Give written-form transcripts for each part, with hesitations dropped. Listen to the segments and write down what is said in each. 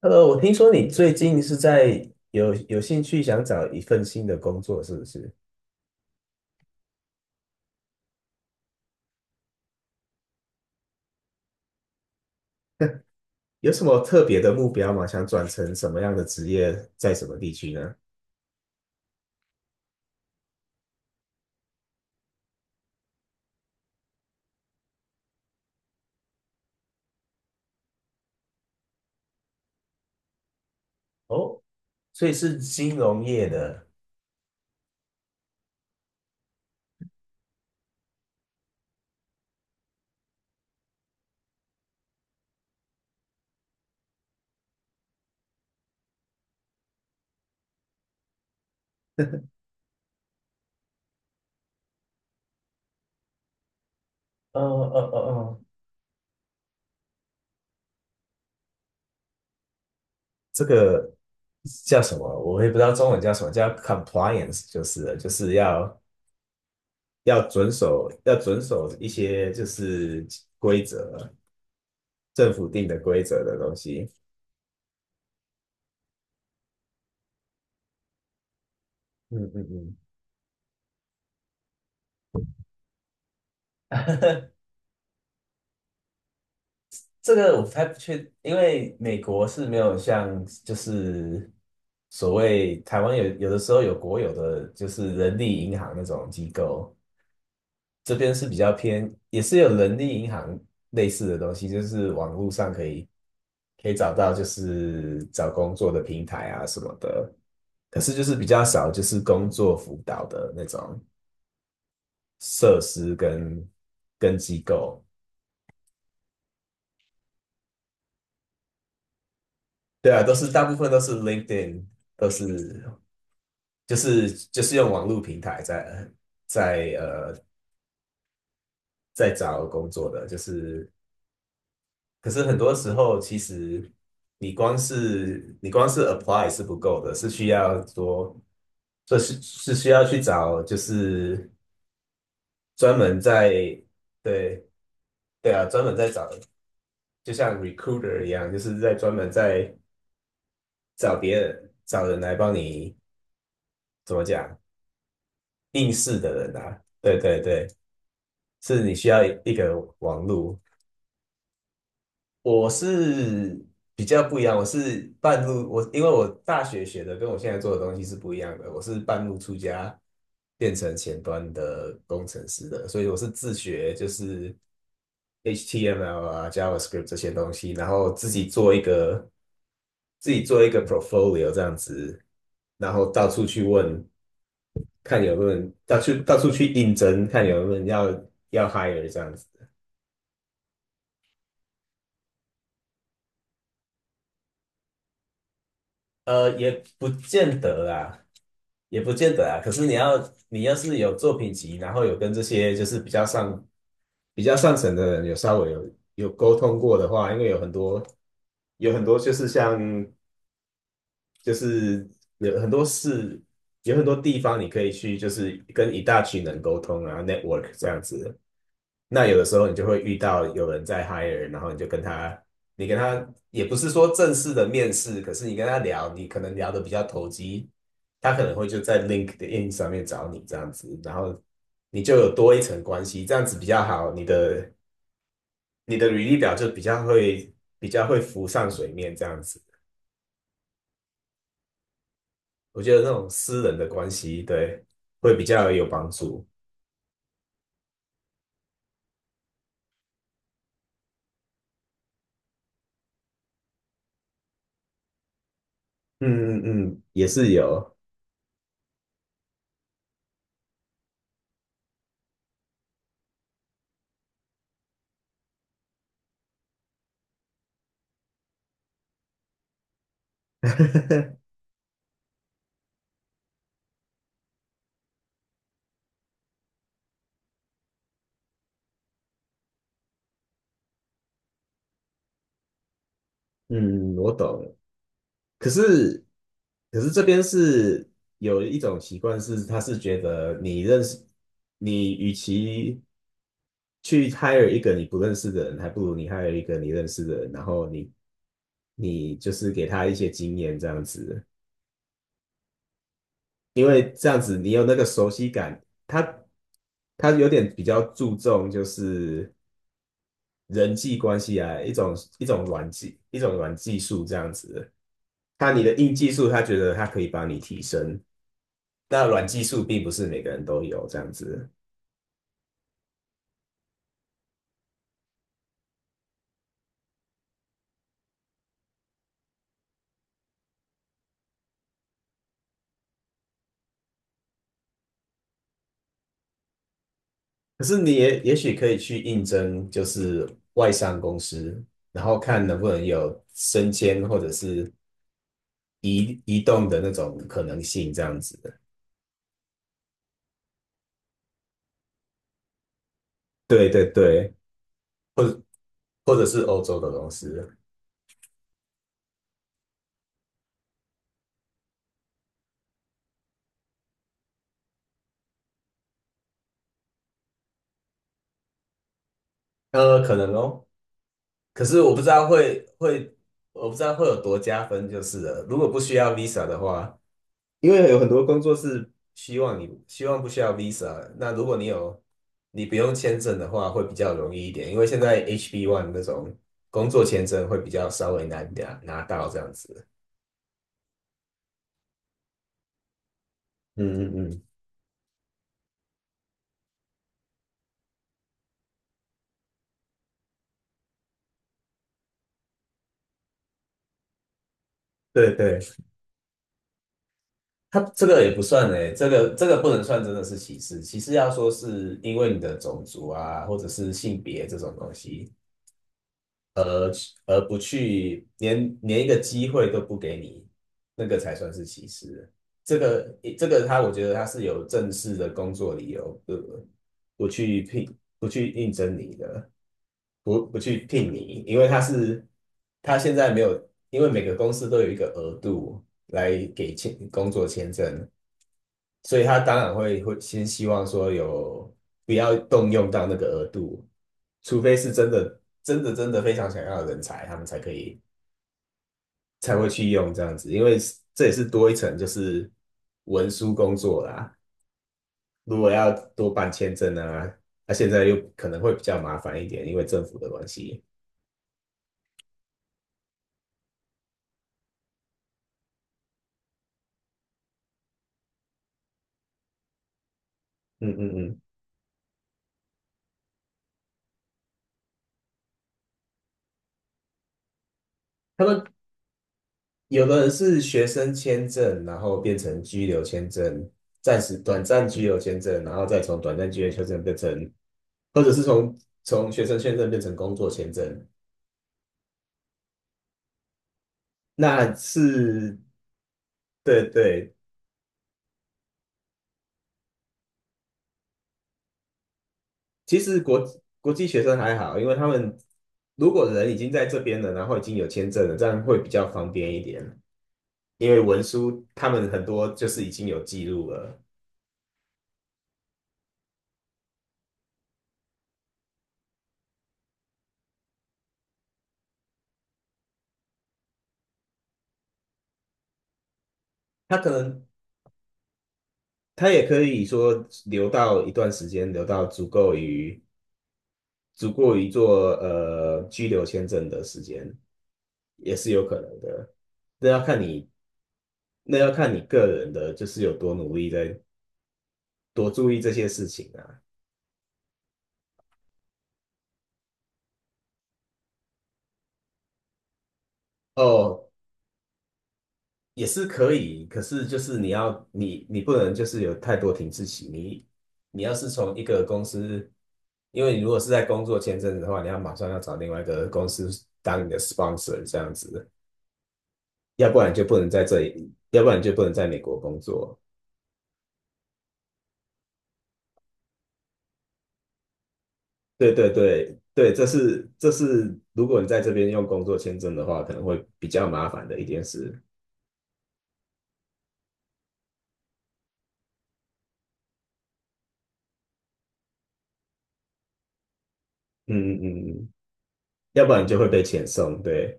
我听说你最近是在有兴趣想找一份新的工作，是不是？有什么特别的目标吗？想转成什么样的职业，在什么地区呢？哦，所以是金融业的，呃呃呃呃，这个叫什么？我也不知道中文叫什么，叫 compliance 就是了就是要遵守一些就是规则，政府定的规则的东西。嗯嗯嗯。这个我还不确，因为美国是没有像就是所谓台湾有有的时候有国有的就是人力银行那种机构，这边是比较偏，也是有人力银行类似的东西，就是网络上可以找到就是找工作的平台啊什么的，可是就是比较少就是工作辅导的那种设施跟机构，对啊，都是大部分都是 LinkedIn。都是就是用网络平台在呃在找工作的，就是可是很多时候其实你光是 apply 是不够的，是需要多是需要去找就是专门在对对啊专门在找，就像 recruiter 一样，就是在专门在找别人找人来帮你怎么讲应试的人啊，对对对，是你需要一个网络。我是比较不一样，我是半路，我因为我大学学的跟我现在做的东西是不一样的，我是半路出家变成前端的工程师的，所以我是自学，就是 HTML 啊、JavaScript 这些东西，然后自己做一个 portfolio 这样子，然后到处去问，看有没有人到处去应征，看有没有人要 hire 这样子。也不见得啦，也不见得啊。可是你要是有作品集，然后有跟这些就是比较上层的人有稍微有沟通过的话，因为有很多就是像就是有很多事，有很多地方你可以去，就是跟一大群人沟通啊，network 这样子。那有的时候你就会遇到有人在 hire，然后你跟他也不是说正式的面试，可是你跟他聊，你可能聊得比较投机，他可能会就在 LinkedIn 上面找你这样子，然后你就有多一层关系，这样子比较好，你的履历表就比较会浮上水面这样子，我觉得那种私人的关系，对，会比较有帮助。嗯嗯嗯，也是有。嗯，我懂。可是，可是这边是有一种习惯是，他是觉得你认识，你与其去 hire 一个你不认识的人，还不如你 hire 一个你认识的人，然后你就是给他一些经验这样子，因为这样子你有那个熟悉感，他他有点比较注重就是人际关系啊，一种软技术这样子，你的硬技术，他觉得他可以帮你提升。那软技术并不是每个人都有这样子，可是你也许可以去应征，就是外商公司，然后看能不能有升迁或者是移动的那种可能性，这样子。对对对，或者或者是欧洲的公司，可能哦。可是我不知道会有多加分，就是了。如果不需要 Visa 的话，因为有很多工作是希望不需要 visa，那如果你不用签证的话，会比较容易一点，因为现在 H1B 那种工作签证会比较稍微难点拿到这样子。嗯嗯嗯，对对，他这个也不算诶，这个不能算真的是歧视，歧视要说是因为你的种族啊，或者是性别这种东西，而不去连一个机会都不给你，那个才算是歧视。这个这个他，我觉得他是有正式的工作理由，对不对不去应征你的，不去聘你，因为他现在没有，因为每个公司都有一个额度来给签工作签证，所以他当然会先希望说不要动用到那个额度，除非是真的真的真的非常想要的人才，他们才可以才会去用这样子，因为这也是多一层就是文书工作啦。如果要多办签证啊，那、现在又可能会比较麻烦一点，因为政府的关系。嗯嗯嗯，他们有的人是学生签证，然后变成居留签证，暂时短暂居留签证，然后再从短暂居留签证变成，或者是从学生签证变成工作签证。那是，对对，其实国际学生还好，因为他们如果人已经在这边了，然后已经有签证了，这样会比较方便一点。因为文书他们很多就是已经有记录了，他可能他也可以说留到一段时间，留到足过于做居留签证的时间，也是有可能的。那要看你，那要看你个人的，就是有多努力在多注意这些事情啊。哦，也是可以，可是就是你要你你不能就是有太多停滞期。你要是从一个公司，因为你如果是在工作签证的话，你要马上要找另外一个公司当你的 sponsor 这样子，要不然你就不能在这里，要不然你就不能在美国工作。对对对对，这是如果你在这边用工作签证的话，可能会比较麻烦的一件事。嗯嗯嗯。要不然你就会被遣送，对，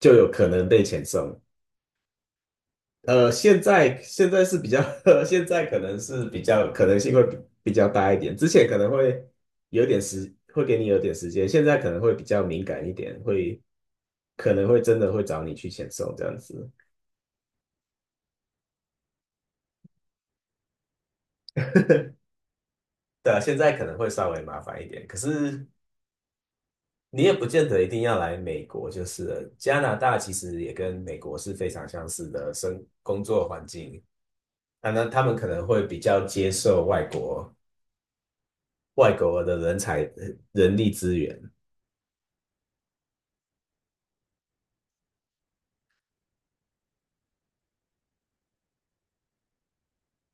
就有可能被遣送。现在是比较，现在可能是比较可能性会比较大一点，之前可能会有点时，会给你有点时间，现在可能会比较敏感一点，可能会真的会找你去遣送这样子。对啊，现在可能会稍微麻烦一点，可是你也不见得一定要来美国，就是了加拿大其实也跟美国是非常相似的工作环境，那他们可能会比较接受外国的人力资源，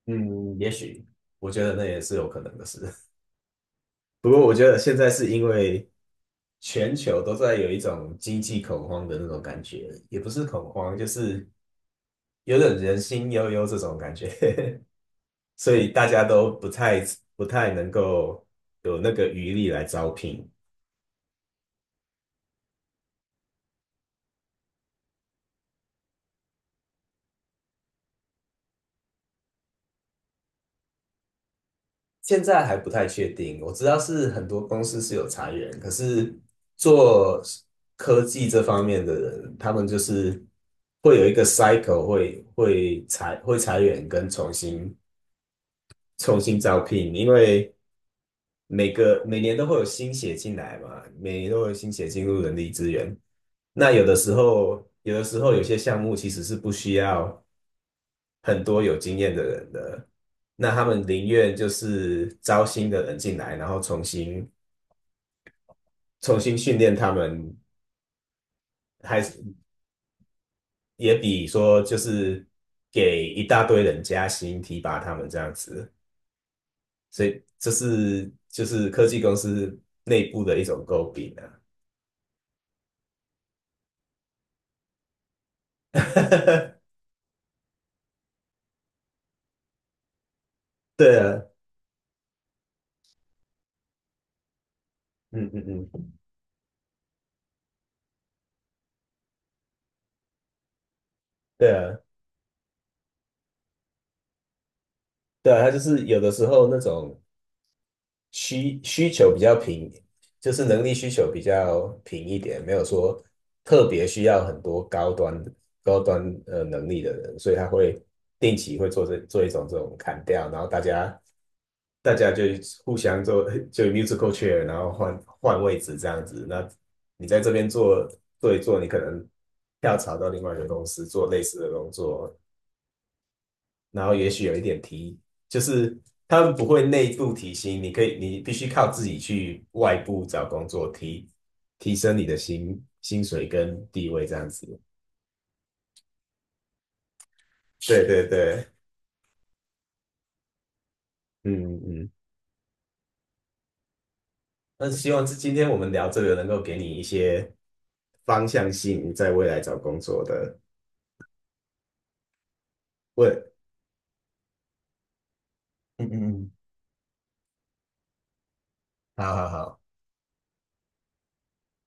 嗯，也许我觉得那也是有可能的事。不过我觉得现在是因为全球都在有一种经济恐慌的那种感觉，也不是恐慌，就是有点人心悠悠这种感觉。所以大家都不太能够有那个余力来招聘。现在还不太确定，我知道是很多公司是有裁员，可是做科技这方面的人，他们就是会有一个 cycle，会裁员跟重新招聘，因为每年都会有新血进来嘛，每年都会有新血进入人力资源。那有的时候有些项目其实是不需要。很多有经验的人的，那他们宁愿就是招新的人进来，然后重新训练他们，还是也比说就是给一大堆人加薪提拔他们这样子，所以这是就是科技公司内部的一种诟病啊。对啊，嗯嗯嗯，对啊，对啊，他就是有的时候那种需求比较平，就是能力需求比较平一点，没有说特别需要很多高端能力的人，所以他会定期会做一种这种砍掉，然后大家就互相做 就 musical chair，然后换位置这样子。那你在这边做一做，你可能跳槽到另外一个公司做类似的工作，然后也许有一点提，就是他们不会内部提薪，你可以，你必须靠自己去外部找工作，提升你的薪水跟地位这样子。对对对，嗯嗯，但是希望是今天我们聊这个能够给你一些方向性，在未来找工作的问，嗯嗯嗯，好好好。